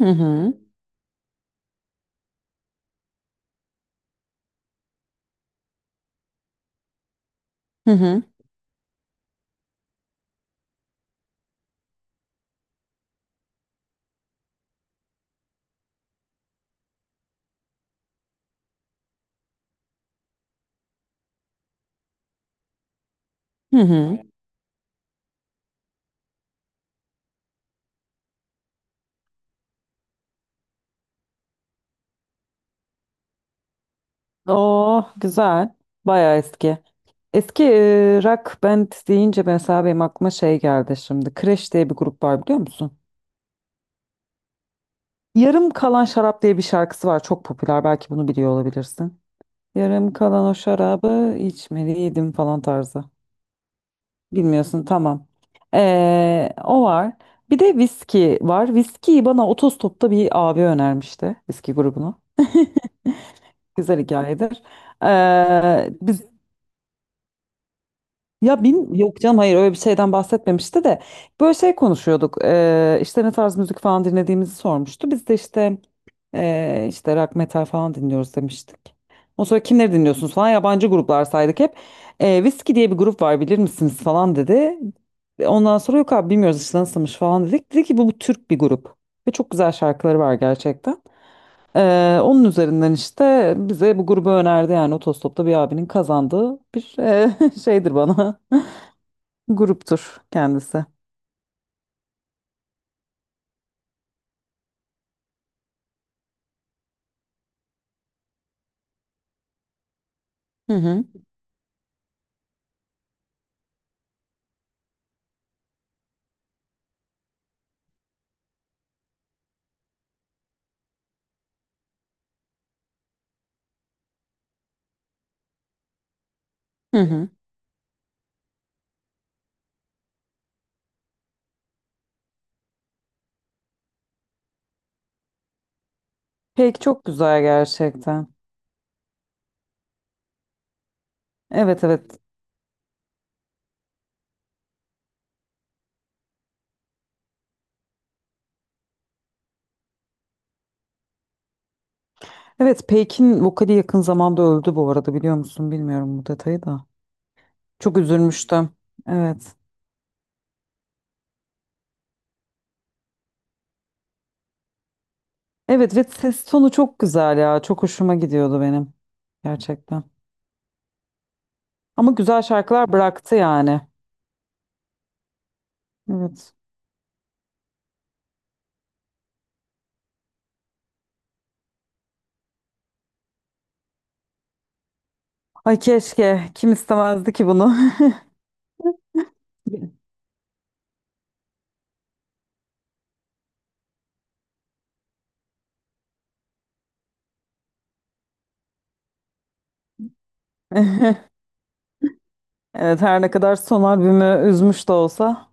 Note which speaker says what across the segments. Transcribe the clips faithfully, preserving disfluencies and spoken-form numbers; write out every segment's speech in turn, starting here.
Speaker 1: Hı hı. Hı hı. Hı hı. Oh güzel. Bayağı eski. Eski e, rock band deyince mesela benim aklıma şey geldi şimdi. Crash diye bir grup var biliyor musun? Yarım Kalan Şarap diye bir şarkısı var. Çok popüler. Belki bunu biliyor olabilirsin. Yarım kalan o şarabı içmeliydim falan tarzı. Bilmiyorsun, tamam. Ee, o var. Bir de viski var. Viskiyi bana otostopta bir abi önermişti. Viski grubunu. Güzel hikayedir. Ee, biz Ya bin, yok canım, hayır, öyle bir şeyden bahsetmemişti de böyle şey konuşuyorduk. Ee, işte ne tarz müzik falan dinlediğimizi sormuştu, biz de işte ee, işte rock metal falan dinliyoruz demiştik. O sonra kimleri dinliyorsunuz falan, yabancı gruplar saydık hep. Ee, Whiskey diye bir grup var bilir misiniz falan dedi. Ve ondan sonra yok abi bilmiyoruz işte nasılmış falan dedik. Dedi ki bu, bu Türk bir grup ve çok güzel şarkıları var gerçekten. Ee, onun üzerinden işte bize bu grubu önerdi, yani otostopta bir abinin kazandığı bir ee, şeydir bana. Gruptur kendisi. Hı hı. Hı hı. Peak çok güzel gerçekten. Evet, evet. Evet, Peik'in vokali yakın zamanda öldü bu arada, biliyor musun? Bilmiyorum bu detayı da. Çok üzülmüştüm. Evet. Evet, ve ses tonu çok güzel ya. Çok hoşuma gidiyordu benim. Gerçekten. Ama güzel şarkılar bıraktı yani. Evet. Ay keşke. Kim istemezdi ki bunu? Evet, her ne kadar son albümü üzmüş de olsa.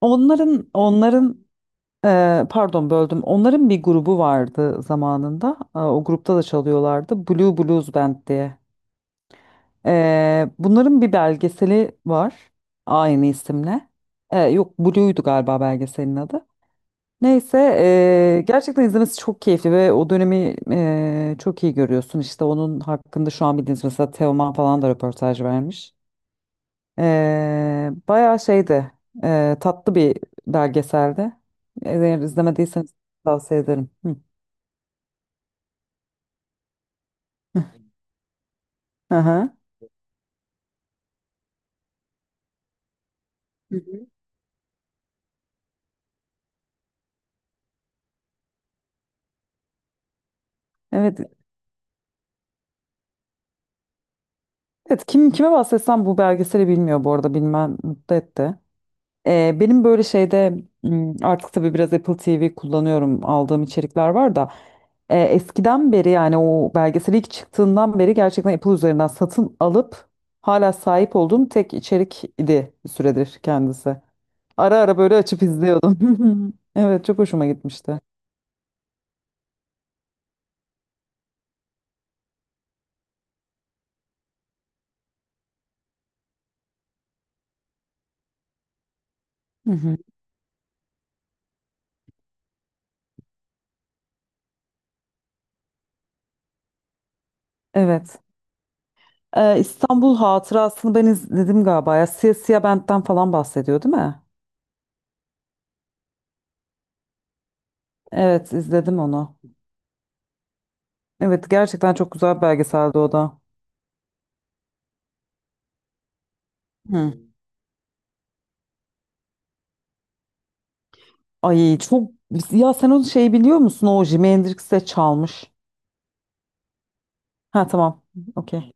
Speaker 1: Onların onların Ee, pardon böldüm. Onların bir grubu vardı zamanında. Aa, o grupta da çalıyorlardı. Blue Blues Band diye. Ee, bunların bir belgeseli var. Aynı isimle. Ee, yok, Blue'ydu galiba belgeselin adı. Neyse, ee, gerçekten izlemesi çok keyifli ve o dönemi ee, çok iyi görüyorsun. İşte onun hakkında şu an bildiğiniz mesela Teoman falan da röportaj vermiş. Ee, bayağı şeydi, ee, tatlı bir belgeseldi. Eğer izlemediyseniz tavsiye ederim. Hı. Aha. Hı, hı. Evet, evet, kim kime bahsetsem bu belgeseli bilmiyor bu arada, bilmem mutlu etti. Ee, benim böyle şeyde m, artık tabii biraz Apple T V kullanıyorum, aldığım içerikler var da e, eskiden beri, yani o belgesel ilk çıktığından beri gerçekten Apple üzerinden satın alıp hala sahip olduğum tek içerik idi bir süredir kendisi. Ara ara böyle açıp izliyordum. Evet, çok hoşuma gitmişti. Hı hı. Evet. Ee, İstanbul Hatırası'nı ben izledim galiba ya. Siyah Siyah Bent'ten falan bahsediyor değil mi? Evet, izledim onu. Evet, gerçekten çok güzel bir belgeseldi o da. Hı. Ay çok, ya sen onu şey biliyor musun? O Jimi Hendrix'e çalmış. Ha, tamam. Okey.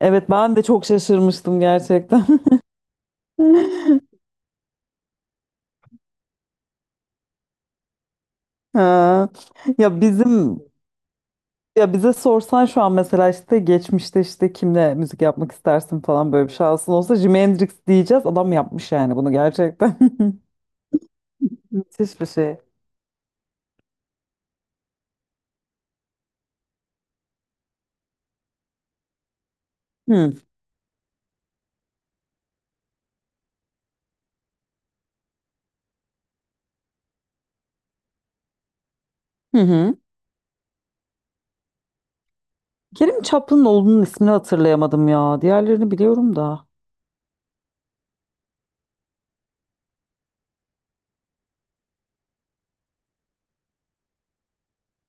Speaker 1: Evet, ben de çok şaşırmıştım gerçekten. Ha. Ya bizim ya bize sorsan şu an mesela, işte geçmişte işte kimle müzik yapmak istersin falan, böyle bir şansın olsa Jimi Hendrix diyeceğiz. Adam yapmış yani bunu gerçekten. Sis Büsi. Hı. Hı hı. Kerim Çaplınoğlu'nun ismini hatırlayamadım ya. Diğerlerini biliyorum da.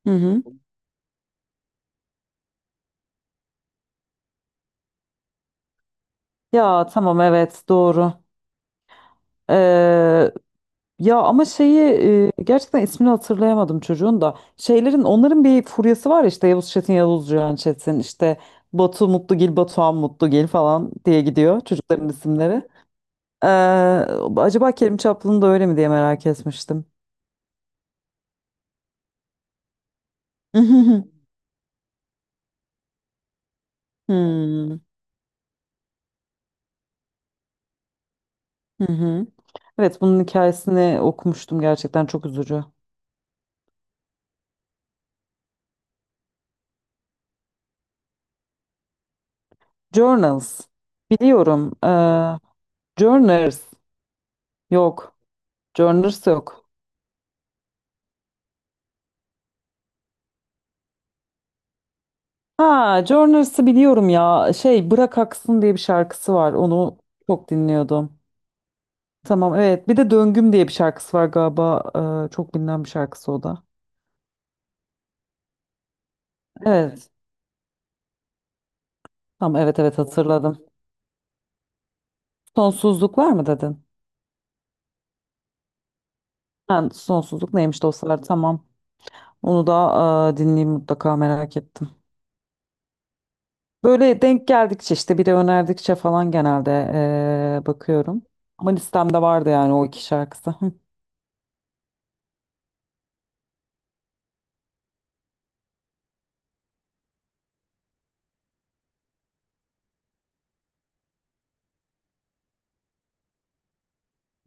Speaker 1: Hı hı. Ya tamam, evet, doğru. Ee, ya ama şeyi, e, gerçekten ismini hatırlayamadım çocuğun da. Şeylerin, onların bir furyası var ya, işte Yavuz Çetin, Yavuz Cihan Çetin, işte Batu Mutlugil, Batuhan Mutlugil falan diye gidiyor çocukların isimleri. Ee, acaba Kerim Çaplı'nın da öyle mi diye merak etmiştim. Hmm. Hı hı. Evet, bunun hikayesini okumuştum, gerçekten çok üzücü. Journals. Biliyorum. Ee, Journers. Yok. Journers yok. Ha, Journers'ı biliyorum ya. Şey, Bırak Aksın diye bir şarkısı var. Onu çok dinliyordum. Tamam, evet. Bir de Döngüm diye bir şarkısı var galiba. Ee, çok bilinen bir şarkısı o da. Evet. Tamam, evet, evet, hatırladım. Sonsuzluk var mı dedin? Ha, sonsuzluk neymiş dostlar? Tamam. Onu da e, dinleyeyim mutlaka, merak ettim. Böyle denk geldikçe işte, biri önerdikçe falan genelde eee, bakıyorum. Ama listemde vardı yani o iki şarkısı. Hı.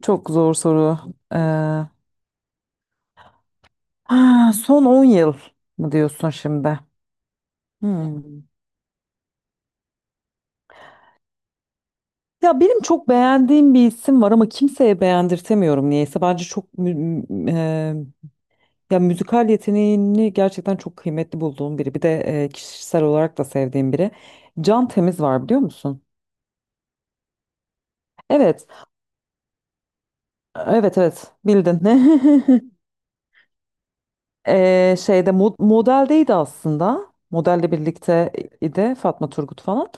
Speaker 1: Çok zor soru. Eee, ha, son on yıl mı diyorsun şimdi? Hmm. Ya benim çok beğendiğim bir isim var ama kimseye beğendirtemiyorum niyeyse. Bence çok mü- mü- eee, ya müzikal yeteneğini gerçekten çok kıymetli bulduğum biri. Bir de eee, kişisel olarak da sevdiğim biri. Can Temiz var biliyor musun? Evet. Evet, evet, bildin. Ee, şeyde mo- modeldeydi aslında. Modelle birlikte idi, Fatma Turgut falan.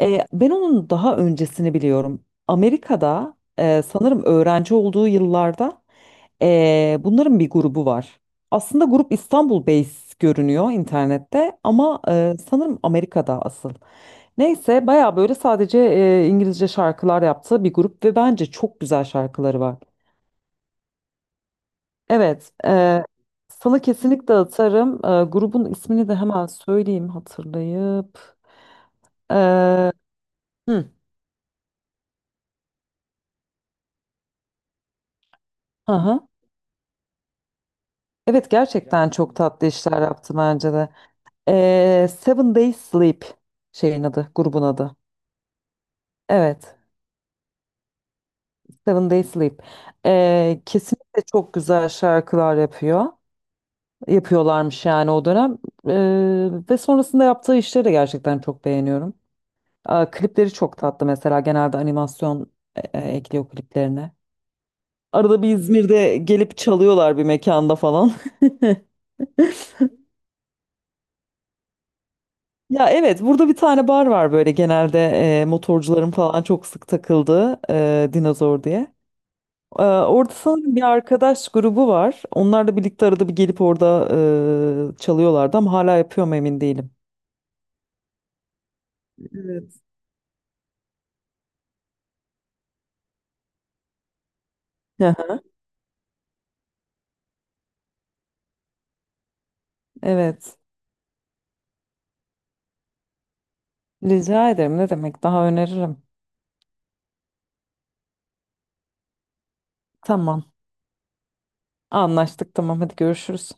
Speaker 1: Ee, ben onun daha öncesini biliyorum. Amerika'da, e, sanırım öğrenci olduğu yıllarda e, bunların bir grubu var. Aslında grup İstanbul based görünüyor internette ama e, sanırım Amerika'da asıl. Neyse, bayağı böyle sadece e, İngilizce şarkılar yaptığı bir grup ve bence çok güzel şarkıları var. Evet, eee sana kesinlikle atarım. Eee, grubun ismini de hemen söyleyeyim, hatırlayıp. Hı. Hı hı. Evet, gerçekten çok tatlı işler yaptı bence de. Eee, Seven Days Sleep şeyin adı, grubun adı. Evet, Seven Days Sleep. Eee, kesinlikle çok güzel şarkılar yapıyor. Yapıyorlarmış yani o dönem. Eee, ve sonrasında yaptığı işleri de gerçekten çok beğeniyorum. Aa, klipleri çok tatlı mesela, genelde animasyon e, e, ekliyor kliplerine. Arada bir İzmir'de gelip çalıyorlar bir mekanda falan. Ya, evet, burada bir tane bar var böyle, genelde e, motorcuların falan çok sık takıldığı, e, Dinozor diye. E, orada sanırım bir arkadaş grubu var. Onlarla birlikte arada bir gelip orada e, çalıyorlardı ama hala yapıyor mu emin değilim. Evet. Evet. Rica ederim, ne demek, daha öneririm. Tamam, anlaştık, tamam, hadi görüşürüz.